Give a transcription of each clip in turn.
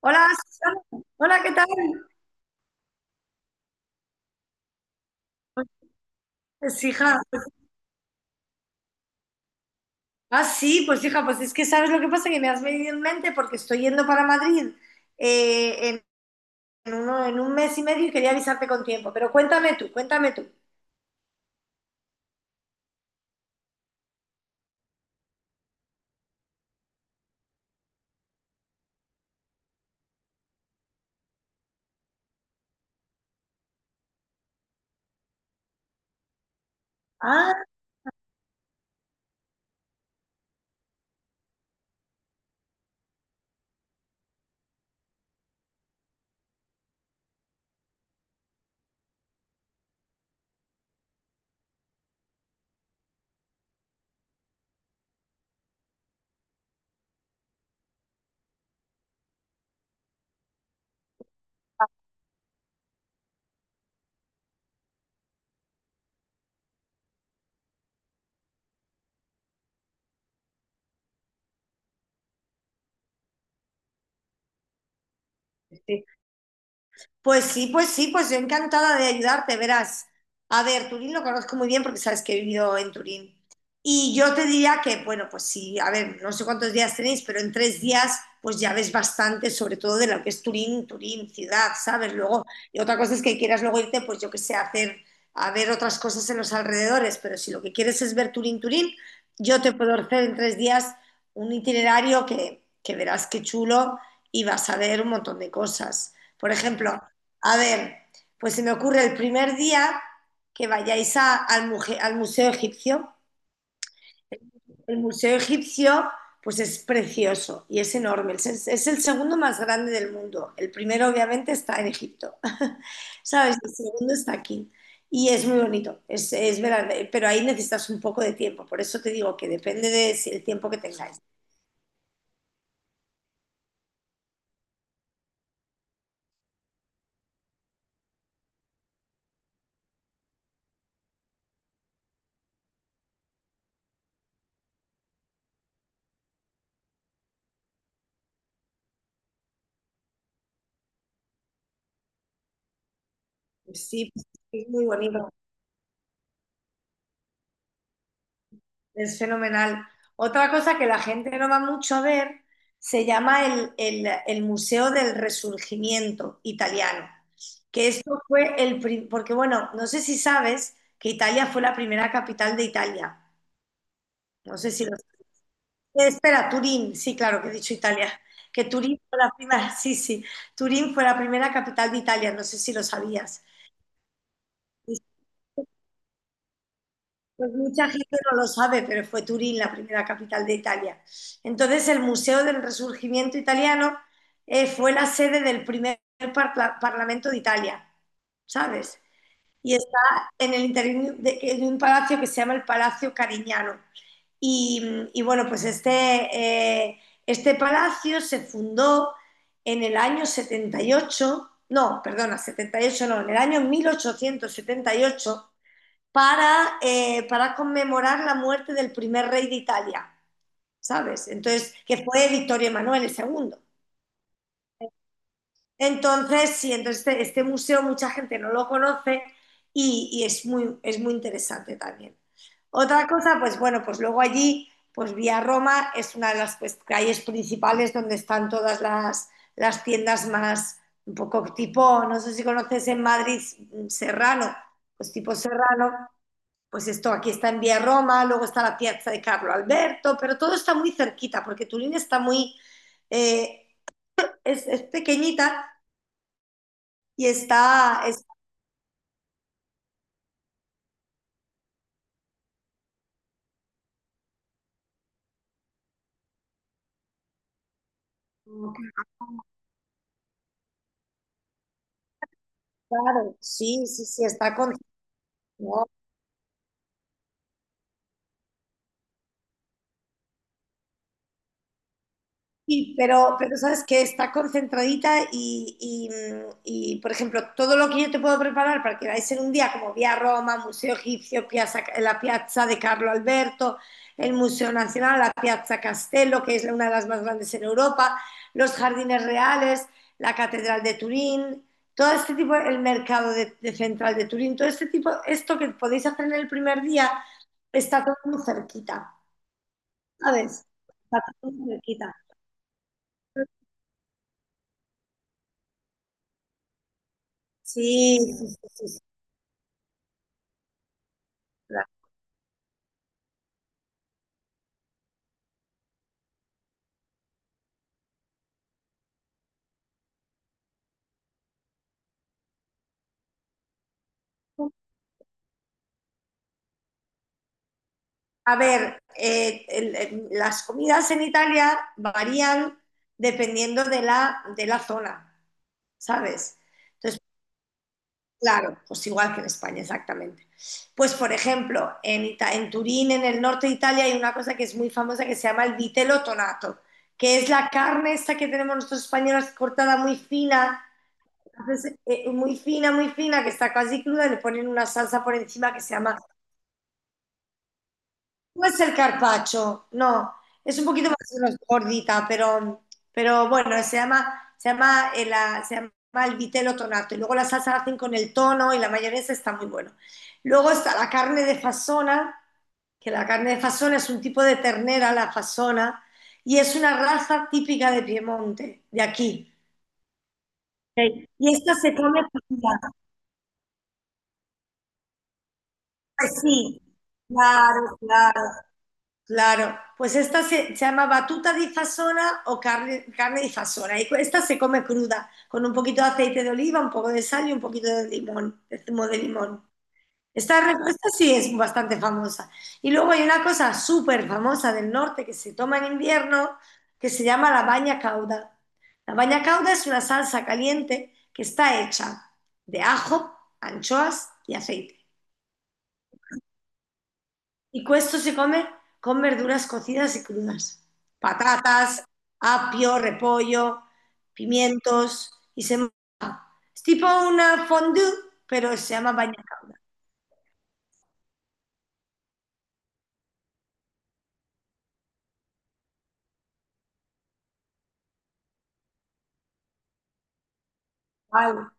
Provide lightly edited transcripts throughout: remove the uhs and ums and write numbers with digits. Hola, Susana. Hola, ¿qué tal? Pues hija, sí, pues hija, pues es que sabes lo que pasa, que me has venido en mente porque estoy yendo para Madrid eh, en, en en un mes y medio y quería avisarte con tiempo, pero cuéntame tú. Ah, sí. Pues sí, pues yo encantada de ayudarte, verás. A ver, Turín lo conozco muy bien porque sabes que he vivido en Turín. Y yo te diría que, bueno, pues sí, a ver, no sé cuántos días tenéis, pero en tres días pues ya ves bastante, sobre todo de lo que es Turín, Turín ciudad, ¿sabes? Luego, y otra cosa es que quieras luego irte, pues yo qué sé, a hacer, a ver otras cosas en los alrededores, pero si lo que quieres es ver Turín, Turín, yo te puedo hacer en tres días un itinerario que verás qué chulo y vas a ver un montón de cosas. Por ejemplo, a ver, pues se me ocurre el primer día que al Museo Egipcio. El Museo Egipcio, pues es precioso y es enorme. Es, es el segundo más grande del mundo. El primero, obviamente, está en Egipto. ¿Sabes? El segundo está aquí. Y es muy bonito, es verdad, pero ahí necesitas un poco de tiempo. Por eso te digo que depende del tiempo que tengáis. Sí, pues, sí, es muy bonito. Es fenomenal. Otra cosa que la gente no va mucho a ver se llama el Museo del Resurgimiento Italiano, que esto fue porque bueno, no sé si sabes que Italia fue la primera capital de Italia. No sé si lo sabes. Espera, Turín, sí, claro que he dicho Italia. Que Turín fue la primera, Turín fue la primera capital de Italia, no sé si lo sabías. Pues mucha gente no lo sabe, pero fue Turín la primera capital de Italia. Entonces, el Museo del Resurgimiento Italiano fue la sede del primer Parlamento de Italia, ¿sabes? Y está en el interior de un palacio que se llama el Palacio Carignano. Y bueno, pues este palacio se fundó en el año 78 no, perdona, 78 no, en el año 1878 para conmemorar la muerte del primer rey de Italia, ¿sabes? Entonces, que fue Victorio Emanuele II. Entonces museo mucha gente no lo conoce y es, es muy interesante también. Otra cosa, pues bueno, pues luego allí, pues Vía Roma es una de las pues, calles principales donde están todas las tiendas más, un poco tipo, no sé si conoces en Madrid Serrano, pues tipo Serrano, pues esto, aquí está en Vía Roma, luego está la Piazza de Carlo Alberto, pero todo está muy cerquita porque Turín está eh, es pequeñita y claro, sí, está con... Sí, pero sabes que está concentradita y, por ejemplo, todo lo que yo te puedo preparar para que vais en un día, como vía Roma, Museo Egipcio, la Piazza de Carlo Alberto, el Museo Nacional, la Piazza Castello, que es una de las más grandes en Europa, los Jardines Reales, la Catedral de Turín, todo este tipo, el mercado de central de Turín, todo este tipo, esto que podéis hacer en el primer día, está todo muy cerquita, ¿sabes? Está todo muy cerquita. Sí, sí, sí, sí, sí, claro. A ver, las comidas en Italia varían dependiendo de la zona, ¿sabes? Entonces, claro, pues igual que en España, exactamente. Pues, por ejemplo, en Turín, en el norte de Italia, hay una cosa que es muy famosa que se llama el vitello tonato, que es la carne esta que tenemos nosotros españoles cortada muy fina, entonces, muy fina, que está casi cruda, y le ponen una salsa por encima que se llama... Pues el carpaccio, no, es un poquito más gordita, pero bueno, se llama el vitelo tonato. Y luego la salsa la hacen con el tono y la mayonesa, está muy bueno. Luego está la carne de fasona, que la carne de fasona es un tipo de ternera, la fasona, y es una raza típica de Piemonte, de aquí. Ok. Y esta se come fría. Pues sí, claro, claro. Claro, pues se llama batuta di fasona o carne, carne di fasona y esta se come cruda, con un poquito de aceite de oliva, un poco de sal y un poquito de limón, de zumo de limón. Esta respuesta sí es bastante famosa. Y luego hay una cosa súper famosa del norte que se toma en invierno que se llama la baña cauda. La baña cauda es una salsa caliente que está hecha de ajo, anchoas y aceite. Y questo se come con verduras cocidas y crudas, patatas, apio, repollo, pimientos, y se... es tipo una fondue, pero se llama bagna cauda. Guau.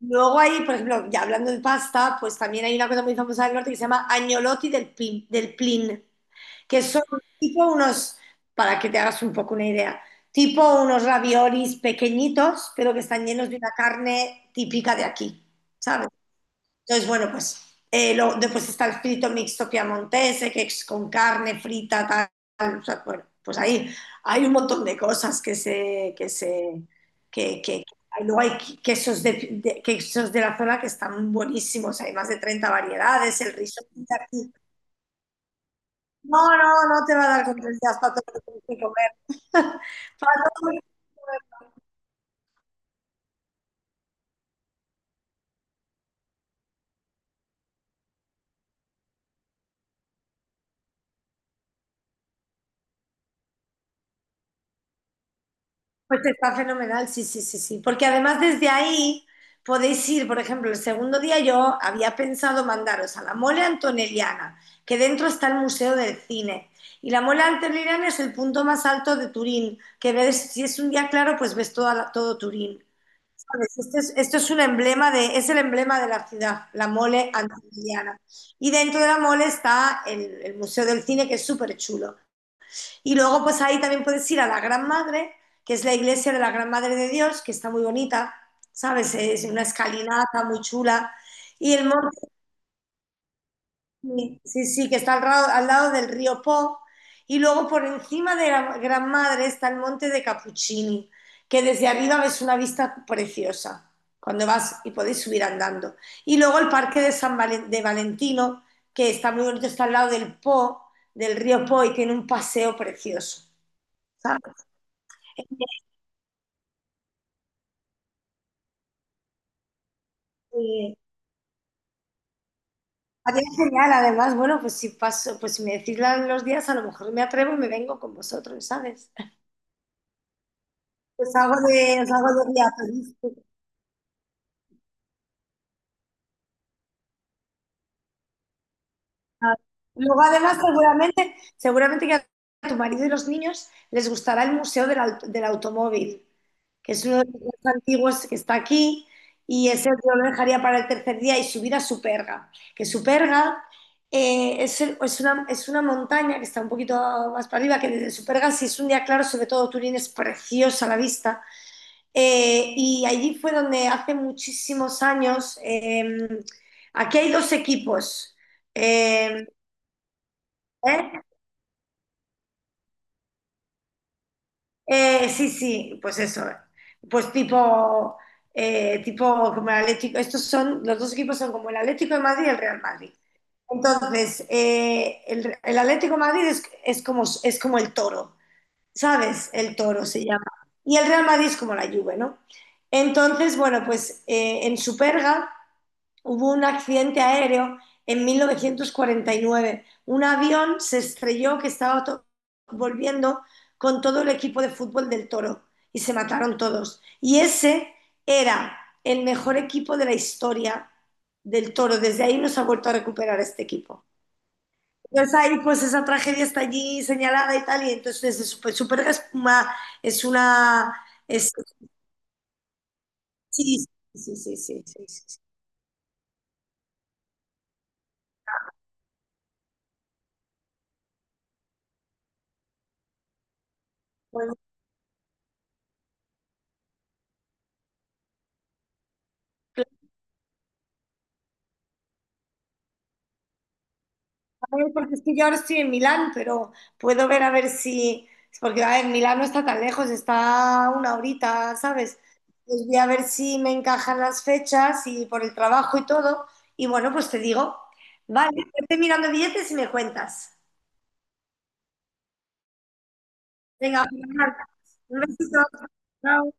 Luego hay, por ejemplo, ya hablando de pasta, pues también hay una cosa muy famosa del norte que se llama agnolotti del plin, que son tipo unos, para que te hagas un poco una idea, tipo unos raviolis pequeñitos, pero que están llenos de una carne típica de aquí, ¿sabes? Entonces, bueno, pues después está el frito mixto piamontese, que es con carne frita, tal. O sea, bueno, pues ahí hay un montón de cosas que luego hay quesos quesos de la zona que están buenísimos, hay más de 30 variedades, el risotto de aquí. No, no, no te va a dar con tres días para todo lo que tienes que comer. Para todo lo que... Pues está fenomenal, sí, sí, sí, sí. Porque además desde ahí podéis ir, por ejemplo, el segundo día yo había pensado mandaros a la Mole Antonelliana, que dentro está el Museo del Cine. Y la Mole Antonelliana es el punto más alto de Turín, que ves, si es un día claro, pues ves todo Turín. ¿Sabes? Esto es un emblema de, es el emblema de la ciudad, la Mole Antonelliana. Y dentro de la Mole está el Museo del Cine, que es súper chulo. Y luego, pues ahí también puedes ir a la Gran Madre, que es la iglesia de la Gran Madre de Dios, que está muy bonita, ¿sabes? Es una escalinata muy chula. Y el monte, sí, sí, sí, que está al lado del río Po. Y luego por encima de la Gran Madre está el monte de Capuchini, que desde arriba ves una vista preciosa cuando vas y podéis subir andando. Y luego el parque de de Valentino, que está muy bonito, está al lado del Po, del río Po y tiene un paseo precioso. ¿Sabes? Eh, Ha quedado genial, además, bueno, pues si paso, pues si me decís los días, a lo mejor me atrevo y me vengo con vosotros, ¿sabes? Pues algo de, os hago de guía turística. Ah, luego, además, seguramente, seguramente que a tu marido y los niños les gustará el Museo del Automóvil, que es uno de los más antiguos que está aquí, y ese yo lo dejaría para el tercer día y subir a Superga, que Superga es una montaña que está un poquito más para arriba, que desde Superga, si es un día claro, sobre todo Turín es preciosa la vista. Y allí fue donde hace muchísimos años, aquí hay dos equipos. em, ¿Eh? Sí, sí, pues eso. Pues tipo, eh, tipo como el Atlético. Estos son, los dos equipos son como el Atlético de Madrid y el Real Madrid. Entonces, el Atlético de Madrid es como el toro, ¿sabes? El toro se llama. Y el Real Madrid es como la Juve, ¿no? Entonces, bueno, pues en Superga hubo un accidente aéreo en 1949. Un avión se estrelló que estaba volviendo con todo el equipo de fútbol del Toro y se mataron todos. Y ese era el mejor equipo de la historia del Toro. Desde ahí no se ha vuelto a recuperar este equipo. Entonces ahí pues esa tragedia está allí señalada y tal, y entonces es súper, súper, es una... Es, sí, sí, sí, sí, sí, sí. Sí, sí. Bueno, ay, porque es que yo ahora estoy en Milán, pero puedo ver a ver si... Porque, a ver, Milán no está tan lejos, está una horita, ¿sabes? Pues voy a ver si me encajan las fechas y por el trabajo y todo. Y bueno, pues te digo. Vale, estoy mirando billetes y me cuentas. Venga, Fernanda, un besito. Chao.